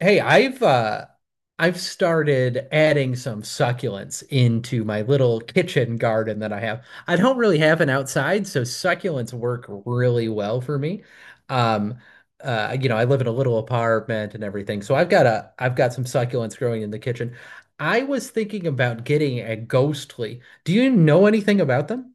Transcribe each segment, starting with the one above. Hey, I've started adding some succulents into my little kitchen garden that I have. I don't really have an outside, so succulents work really well for me. Um I live in a little apartment and everything. So I've got some succulents growing in the kitchen. I was thinking about getting a ghostly. Do you know anything about them?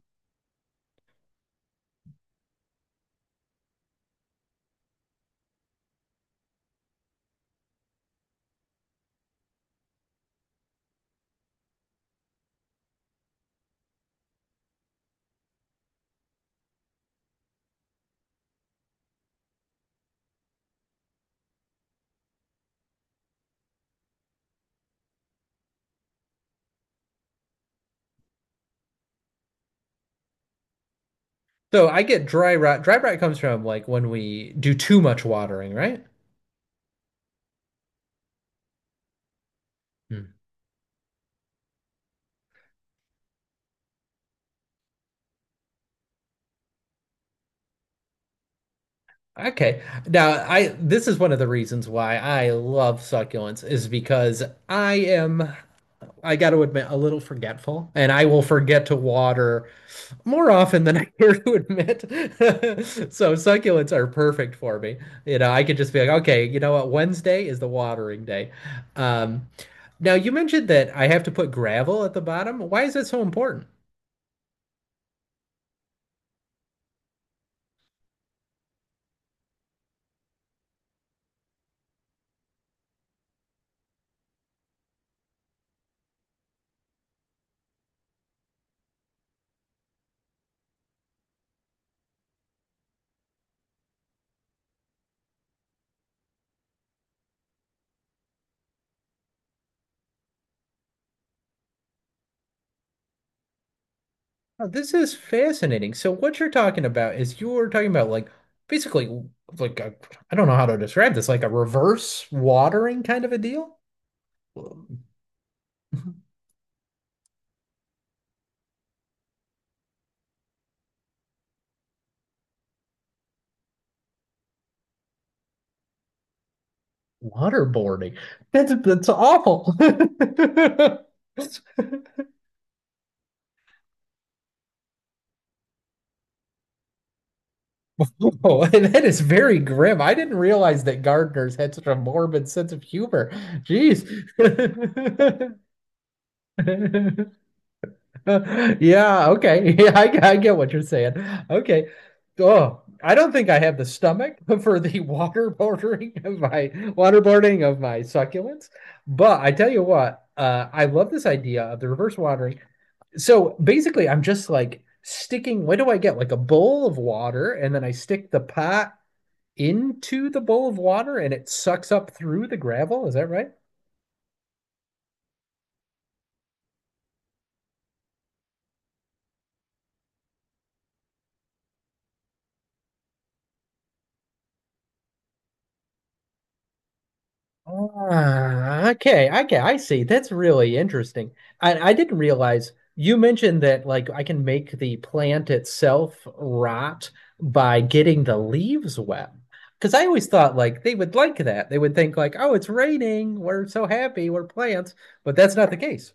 So I get dry rot. Dry rot comes from like when we do too much watering, right? Hmm. Okay. Now, I this is one of the reasons why I love succulents is because I am I got to admit, a little forgetful, and I will forget to water more often than I care to admit. So succulents are perfect for me. You know, I could just be like, okay, you know what? Wednesday is the watering day. Um, now you mentioned that I have to put gravel at the bottom. Why is that so important? Oh, this is fascinating. So what you're talking about is you're talking about like basically like I don't know how to describe this, like a reverse watering kind of a deal? Waterboarding. That's awful. Oh, and that is very grim. I didn't realize that gardeners had such a morbid sense of humor. Jeez. Yeah, okay. Yeah, I get what you're saying. Okay. Oh, I don't think I have the stomach for the waterboarding of my succulents. But I tell you what, I love this idea of the reverse watering. So basically, I'm just like sticking, what do I get? Like a bowl of water, and then I stick the pot into the bowl of water and it sucks up through the gravel. Is that right? Ah, okay, okay, I see. That's really interesting. I didn't realize you mentioned that like I can make the plant itself rot by getting the leaves wet. Because I always thought like they would like that. They would think like, oh, it's raining. We're so happy. We're plants. But that's not the case.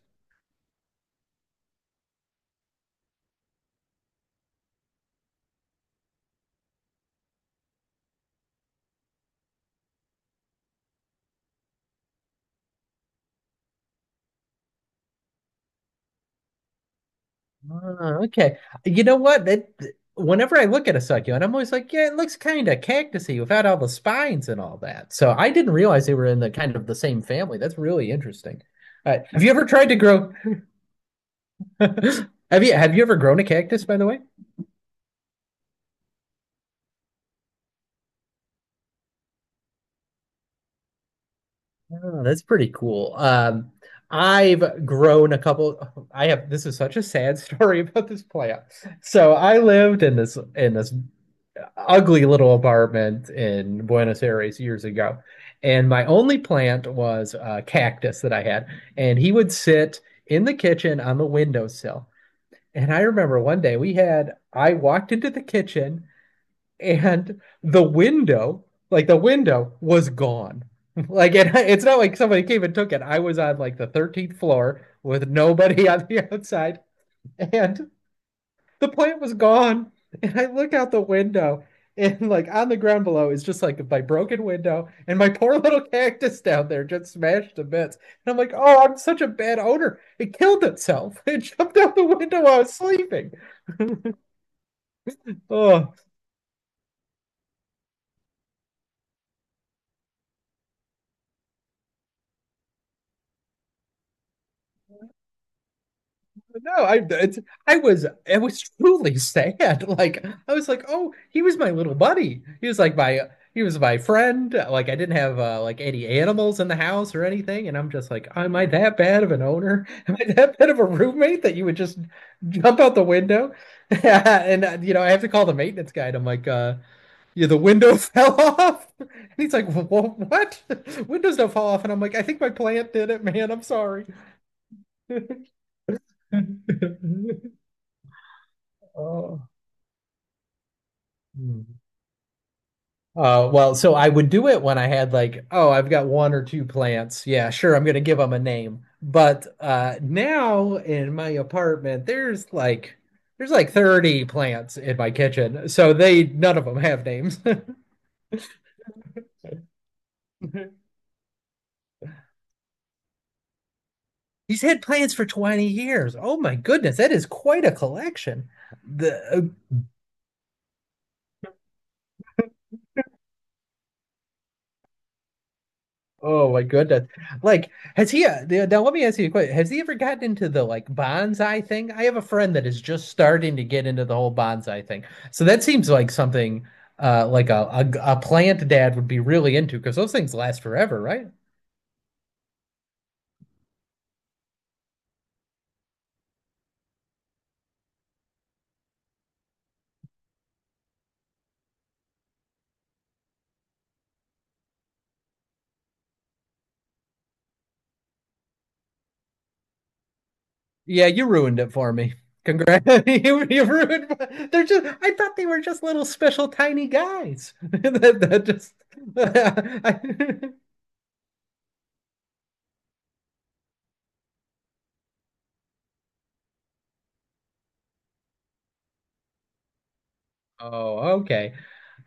Ah, okay. You know what? That Whenever I look at a succulent, I'm always like, yeah, it looks kind of cactusy without all the spines and all that. So I didn't realize they were in the kind of the same family. That's really interesting. Have you ever tried to grow? Have you ever grown a cactus, by the way? Oh, that's pretty cool. I've grown a couple. I have. This is such a sad story about this plant. So I lived in this ugly little apartment in Buenos Aires years ago. And my only plant was a cactus that I had. And he would sit in the kitchen on the windowsill. And I remember one day I walked into the kitchen and the window, like the window was gone. Like it's not like somebody came and took it. I was on like the 13th floor with nobody on the outside. And the plant was gone. And I look out the window, and like on the ground below is just like my broken window and my poor little cactus down there just smashed to bits. And I'm like, oh, I'm such a bad owner. It killed itself. It jumped out the window while I was sleeping. Oh, no, I was I was truly sad. Like I was like, oh, he was my little buddy. He was my friend. Like I didn't have like any animals in the house or anything, and I'm just like, am I that bad of an owner? Am I that bad of a roommate that you would just jump out the window? And you know, I have to call the maintenance guy. And I'm like, yeah, the window fell off. And he's like, "Wha- what? Windows don't fall off." And I'm like, I think my plant did it, man. I'm sorry. Oh. Hmm. Well, so I would do it when I had like, oh, I've got one or two plants. Yeah, sure, I'm gonna give them a name. But now in my apartment, there's like 30 plants in my kitchen. So they none of them have names. He's had plants for 20 years. Oh my goodness, that is quite a collection. The Oh my goodness. Like, now let me ask you a question. Has he ever gotten into the like bonsai thing? I have a friend that is just starting to get into the whole bonsai thing. So that seems like something like a plant dad would be really into because those things last forever, right? Yeah, you ruined it for me. Congrats. You ruined my- they're just I thought they were just little special tiny guys. That, that just Oh, okay.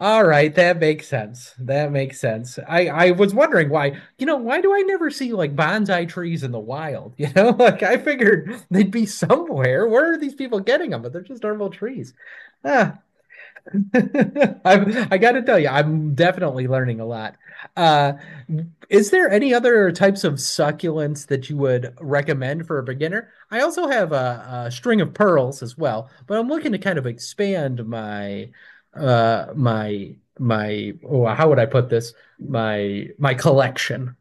All right, that makes sense. That makes sense. I was wondering why, you know, why do I never see like bonsai trees in the wild? You know, like I figured they'd be somewhere. Where are these people getting them? But they're just normal trees. Ah, I got to tell you, I'm definitely learning a lot. Uh, is there any other types of succulents that you would recommend for a beginner? I also have a string of pearls as well, but I'm looking to kind of expand my oh, how would I put this? My collection.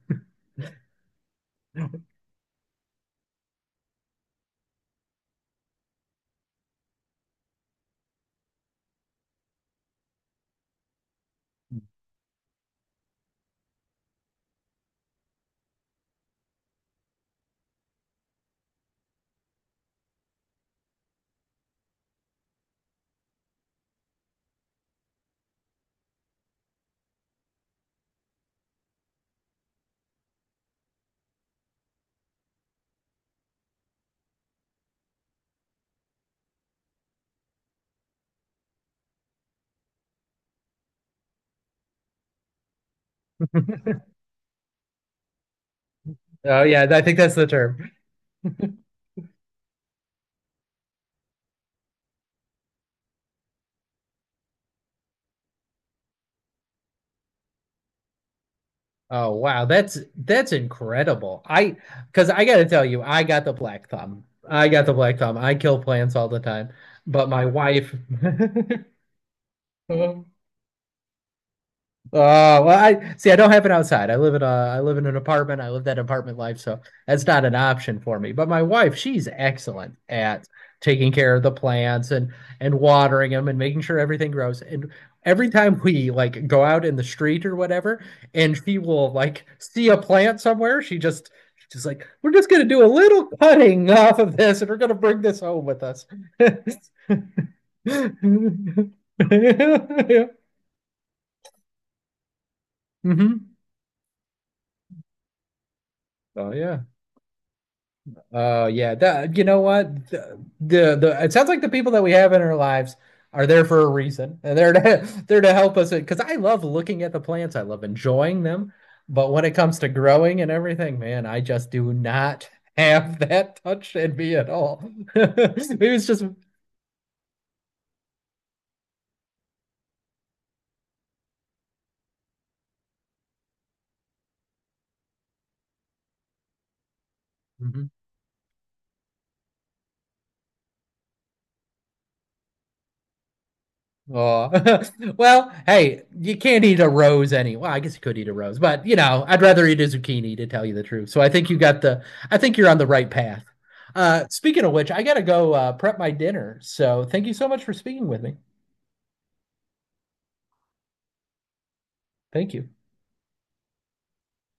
Oh yeah, I think that's the term. Oh wow, that's incredible. I because I gotta tell you, I got the black thumb. I got the black thumb. I kill plants all the time, but my wife oh well, I see. I don't have it outside. I live in a. I live in an apartment. I live that apartment life, so that's not an option for me. But my wife, she's excellent at taking care of the plants and watering them and making sure everything grows. And every time we like go out in the street or whatever, and she will like see a plant somewhere, she's just like, "We're just gonna do a little cutting off of this, and we're gonna bring this home with us." hmm. Oh yeah. Oh yeah, that you know what, the it sounds like the people that we have in our lives are there for a reason. And they're to, they're to help us because I love looking at the plants. I love enjoying them, but when it comes to growing and everything, man, I just do not have that touch in me at all. Maybe it's just oh, well, hey, you can't eat a rose any. Well, I guess you could eat a rose, but you know, I'd rather eat a zucchini to tell you the truth. So I think you got the, I think you're on the right path. Speaking of which, I gotta go prep my dinner. So thank you so much for speaking with me. Thank you.